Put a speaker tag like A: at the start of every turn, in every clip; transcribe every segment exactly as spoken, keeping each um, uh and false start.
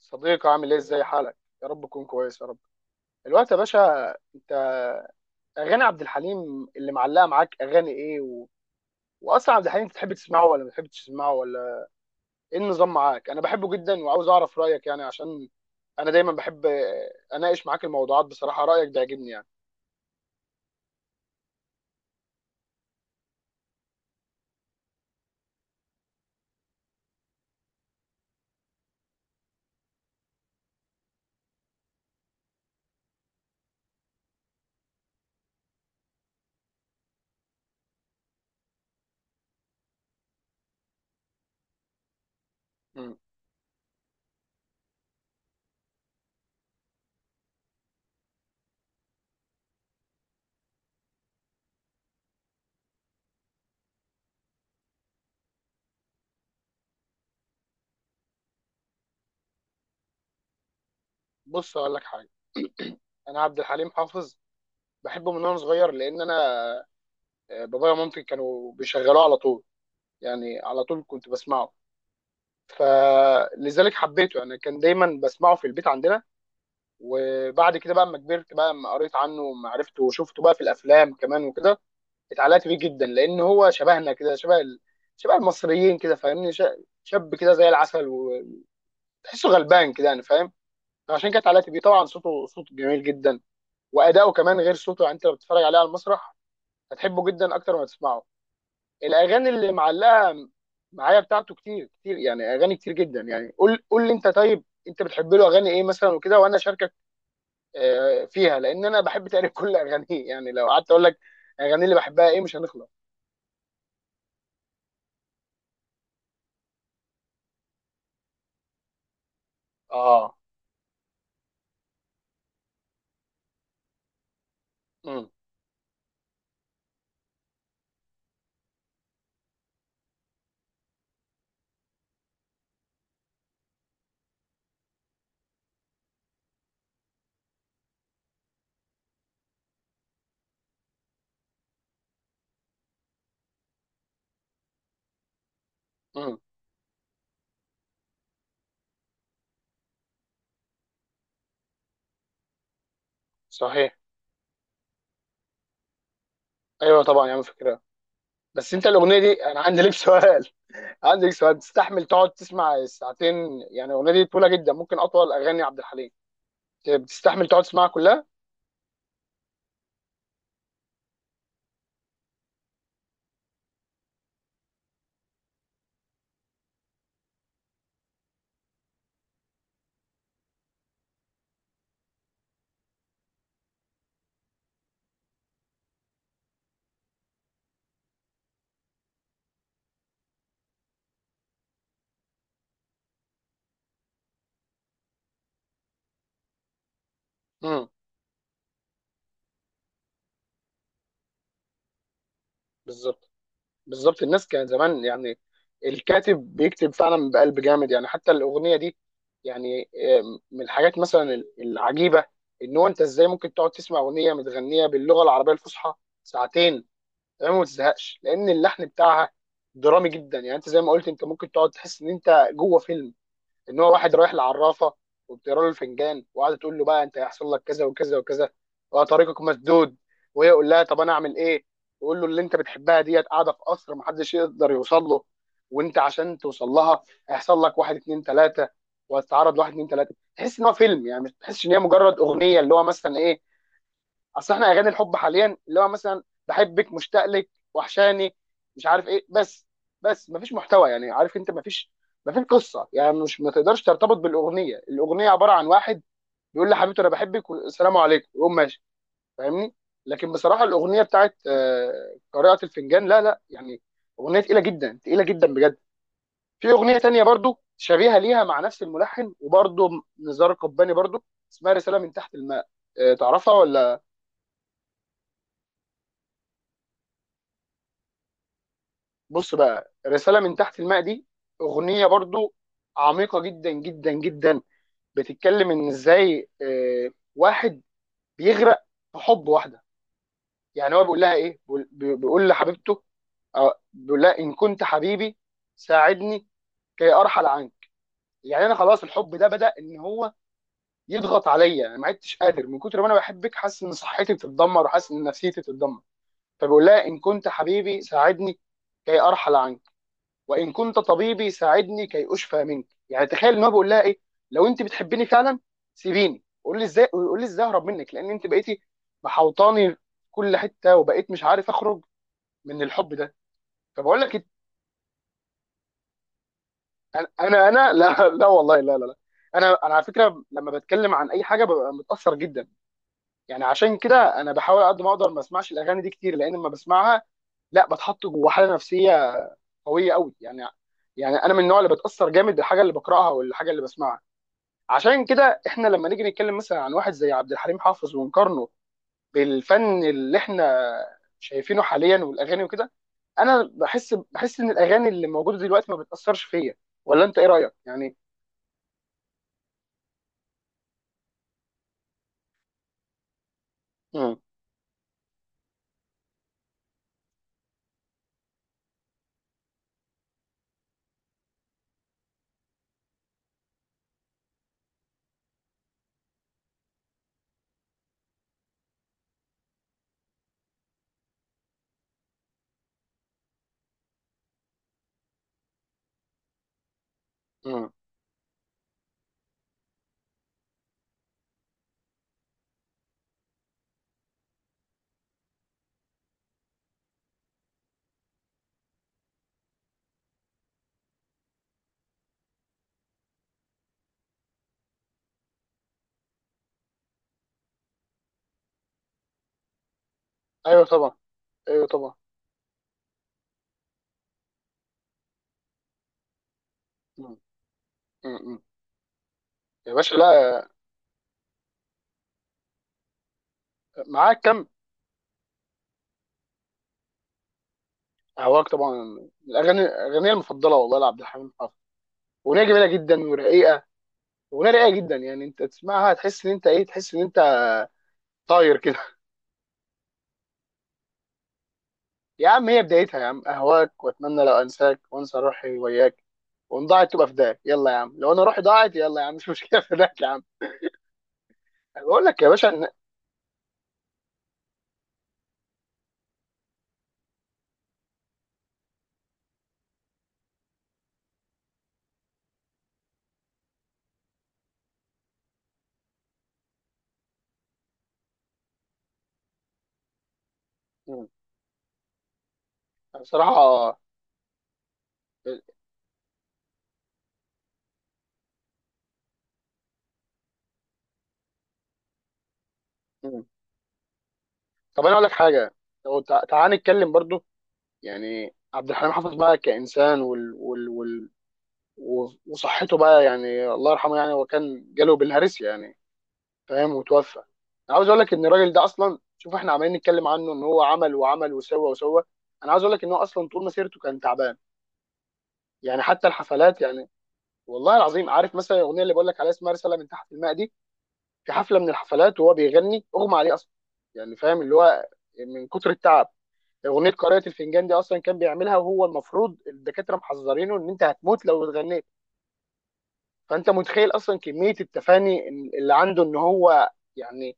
A: صديقي، عامل ايه، ازاي حالك؟ يا رب تكون كويس، يا رب الوقت يا باشا. انت اغاني عبد الحليم اللي معلقه معاك اغاني ايه و... واصلا عبد الحليم بتحب تسمعه ولا ما بتحبش تسمعه؟ ولا ايه النظام معاك؟ انا بحبه جدا وعاوز اعرف رايك يعني، عشان انا دايما بحب اناقش معاك الموضوعات. بصراحه رايك بيعجبني يعني. مم. بص اقول لك حاجه. انا عبد الحليم حافظ بحبه من وانا صغير، لان انا آه، بابايا ومامتي كانوا بيشغلوه على طول، يعني على طول كنت بسمعه، فلذلك حبيته. انا كان دايما بسمعه في البيت عندنا. وبعد كده بقى، اما كبرت بقى، اما قريت عنه وما عرفته وشفته بقى في الافلام كمان وكده، اتعلقت بيه جدا، لان هو شبهنا كده، شبه ال... شبه المصريين كده، فاهمني؟ ش- شاب كده زي العسل، وتحسه غلبان كده، يعني فاهم. فعشان كده اتعلقت بيه. طبعا صوته صوت جميل جدا، واداؤه كمان غير صوته. يعني انت لو بتتفرج عليه على المسرح هتحبه جدا اكتر ما تسمعه. الاغاني اللي معلقه معايا بتاعته كتير كتير، يعني اغاني كتير جدا. يعني قول قول لي انت، طيب انت بتحب له اغاني ايه مثلا وكده، وانا اشاركك آه، فيها، لان انا بحب تقريبا كل اغانيه. يعني لو قعدت اقول لك اغاني اللي بحبها ايه مش هنخلص. اه. امم. امم. صحيح. ايوه طبعا يا عم، فكره. بس انت الاغنيه دي انا عندي لك سؤال. عندي لك سؤال، تستحمل تقعد تسمع ساعتين؟ يعني الاغنيه دي طويله جدا، ممكن اطول اغاني عبد الحليم. بتستحمل تقعد تسمعها كلها؟ امم. بالظبط. بالظبط الناس كان زمان يعني، الكاتب بيكتب فعلا بقلب جامد. يعني حتى الأغنية دي يعني، آم، من الحاجات مثلا ال- العجيبة، إن هو أنت إزاي ممكن تقعد تسمع أغنية متغنية باللغة العربية الفصحى ساعتين، تمام، وما تزهقش، لأن اللحن بتاعها درامي جدا. يعني أنت زي ما قلت، أنت ممكن تقعد تحس إن أنت جوه فيلم. ان هو واحد رايح لعرافه، وبتقرا له الفنجان، وقاعده تقول له بقى انت هيحصل لك كذا وكذا وكذا، وطريقك مسدود. وهي يقول لها طب انا اعمل ايه؟ يقول له اللي انت بتحبها ديت قاعده في قصر محدش يقدر يوصل له، وانت عشان توصل لها هيحصل لك واحد اتنين تلاته، وهتتعرض لواحد اتنين تلاته. تحس ان هو فيلم يعني، مش تحسش ان هي مجرد اغنيه اللي هو مثلا ايه. اصل احنا اغاني الحب حاليا، اللي هو مثلا بحبك، مشتاق لك، وحشاني، مش عارف ايه، بس بس مفيش محتوى. يعني عارف انت، مفيش مفيش قصه يعني، مش ما تقدرش ترتبط بالاغنيه. الاغنيه عباره عن واحد بيقول لحبيبته انا بحبك والسلام عليكم ويقوم ماشي. فاهمني؟ لكن بصراحه الاغنيه بتاعت آه، قارئة الفنجان، لا لا، يعني اغنيه تقيله جدا، تقيله جدا بجد. في اغنيه تانية برضو شبيهه ليها، مع نفس الملحن، وبرضو نزار قباني برضو، اسمها رساله من تحت الماء. آه، تعرفها ولا؟ بص بقى، رسالة من تحت الماء دي أغنية برضو عميقة جدا جدا جدا. بتتكلم إن إزاي آه، واحد بيغرق في حب واحدة. يعني هو بيقول لها إيه، بيقول بيقول لحبيبته، آه، بيقول لها، إن كنت حبيبي ساعدني كي أرحل عنك. يعني أنا خلاص الحب ده بدأ إن هو يضغط عليا، أنا ما عدتش قادر من كتر ما أنا بحبك، حاسس إن صحتي بتتدمر وحاسس إن نفسيتي بتتدمر. فبيقول لها إن كنت حبيبي ساعدني كي أرحل عنك، وان كنت طبيبي ساعدني كي اشفى منك. يعني تخيل ان هو بيقول لها ايه، لو انت بتحبيني فعلا سيبيني، قول لي ازاي، قول لي ازاي اهرب منك، لان انت بقيتي محوطاني في كل حته وبقيت مش عارف اخرج من الحب ده. فبقول لك إت- انا انا أنا- لا لا والله، لا لا لا. انا انا على فكره، لما بتكلم عن اي حاجه ببقى متاثر جدا. يعني عشان كده انا بحاول على قد ما اقدر ما اسمعش الاغاني دي كتير، لان لما بسمعها لا بتحط جوه حاله نفسيه قويه قوي يعني. يعني انا من النوع اللي بتاثر جامد بالحاجه اللي بقراها والحاجه اللي بسمعها. عشان كده احنا لما نيجي نتكلم مثلا عن واحد زي عبد الحليم حافظ ونقارنه بالفن اللي احنا شايفينه حاليا والاغاني وكده، انا بحس بحس ان الاغاني اللي موجوده دلوقتي ما بتاثرش فيا. ولا انت ايه رايك يعني؟ مم. مم. ايوه طبعا، ايوه طبعا. مم. مم. يا باشا لا. معاك كم. هواك طبعا. الاغاني، الاغنيه المفضله والله لعبد الحليم حافظ. اغنيه جميله جدا ورقيقه. اغنيه رقيقه جدا، يعني انت تسمعها تحس ان انت ايه، تحس ان انت طاير كده. يا عم، هي بدايتها يا عم: اهواك واتمنى لو انساك، وانسى روحي وياك، وان ضاعت تبقى فداك. يلا يا عم لو انا روحي ضاعت، يلا يا عم مش مشكله فداك يا عم. أنا بقول لك يا باشا ان، مم. بصراحه. مم. طب انا اقول لك حاجه، لو تع- تعال نتكلم برضو. يعني عبد الحليم حافظ بقى كانسان وال... وال... وال... و- وصحته بقى، يعني الله يرحمه، يعني هو كان جاله بالهرس يعني، فاهم، وتوفى. انا عاوز اقول لك ان الراجل ده اصلا، شوف احنا عمالين نتكلم عنه ان هو عمل وعمل وسوى وسوى، انا عاوز اقول لك ان هو اصلا طول مسيرته كان تعبان. يعني حتى الحفلات يعني، والله العظيم، عارف مثلا الاغنيه اللي بقول لك عليها اسمها رساله من تحت الماء دي، في حفله من الحفلات وهو بيغني اغمى عليه اصلا. يعني فاهم اللي هو من كتر التعب. اغنيه قارئة الفنجان دي اصلا كان بيعملها وهو المفروض الدكاتره محذرينه ان انت هتموت لو اتغنيت. فانت متخيل اصلا كميه التفاني اللي عنده، ان هو يعني،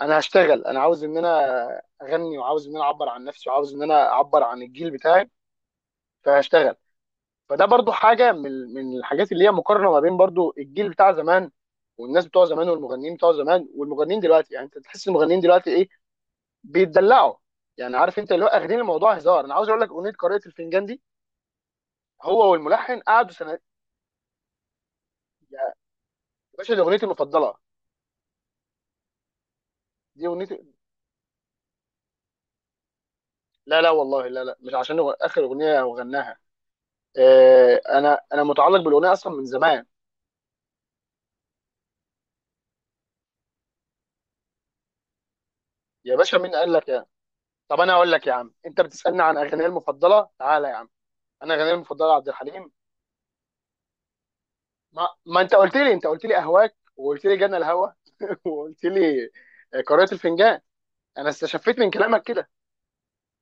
A: انا هشتغل، انا عاوز ان انا اغني، وعاوز ان انا اعبر عن نفسي، وعاوز ان انا اعبر عن الجيل بتاعي، فهشتغل. فده برضو حاجه من من الحاجات اللي هي مقارنه ما بين برضو الجيل بتاع زمان، والناس بتوع زمان والمغنيين بتوع زمان، والمغنيين دلوقتي. يعني انت تحس المغنيين دلوقتي ايه، بيتدلعوا يعني. عارف انت اللي هو اخدين الموضوع هزار. انا عاوز اقول لك اغنيه قارئة الفنجان دي، هو والملحن قعدوا سنه. يا باشا دي اغنيتي المفضله. دي اغنيتي. لا لا والله لا لا، مش عشان هو اخر اغنيه وغناها، آه، انا انا متعلق بالاغنيه اصلا من زمان. يا باشا مين قال لك؟ يا طب انا اقول لك يا عم، انت بتسالني عن اغانيه المفضله، تعالى يا عم انا اغانيه المفضله عبد الحليم. ما, ما انت قلت لي انت قلت لي اهواك، وقلت لي جنى الهوى، وقلت لي آه، قارئة الفنجان، انا استشفيت من كلامك كده.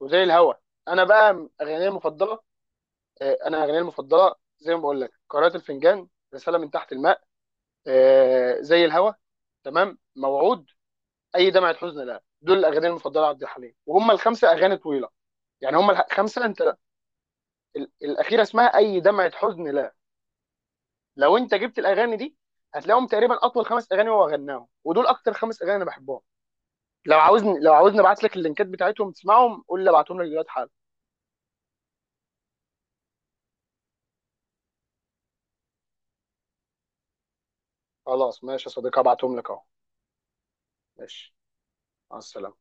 A: وزي الهوى. انا بقى اغانيه المفضله. آه، انا اغانيه المفضله زي ما بقول لك: قارئة الفنجان، رساله من تحت الماء، آه، زي الهوى، تمام، موعود، اي دمعه حزن لا. دول الاغاني المفضله عبد الحليم، وهم الخمسه اغاني طويله يعني، هم الخمسه. انت ال- الاخيره اسمها اي دمعه حزن لا. لو انت جبت الاغاني دي هتلاقيهم تقريبا اطول خمس اغاني هو غناهم، ودول اكتر خمس اغاني انا بحبهم. لو عاوزني، لو عاوزني ابعت لك اللينكات بتاعتهم تسمعهم، قول لي ابعتهم لك دلوقتي حالا. خلاص ماشي يا صديقي، هبعتهم لك اهو. ماشي. مع السلامه.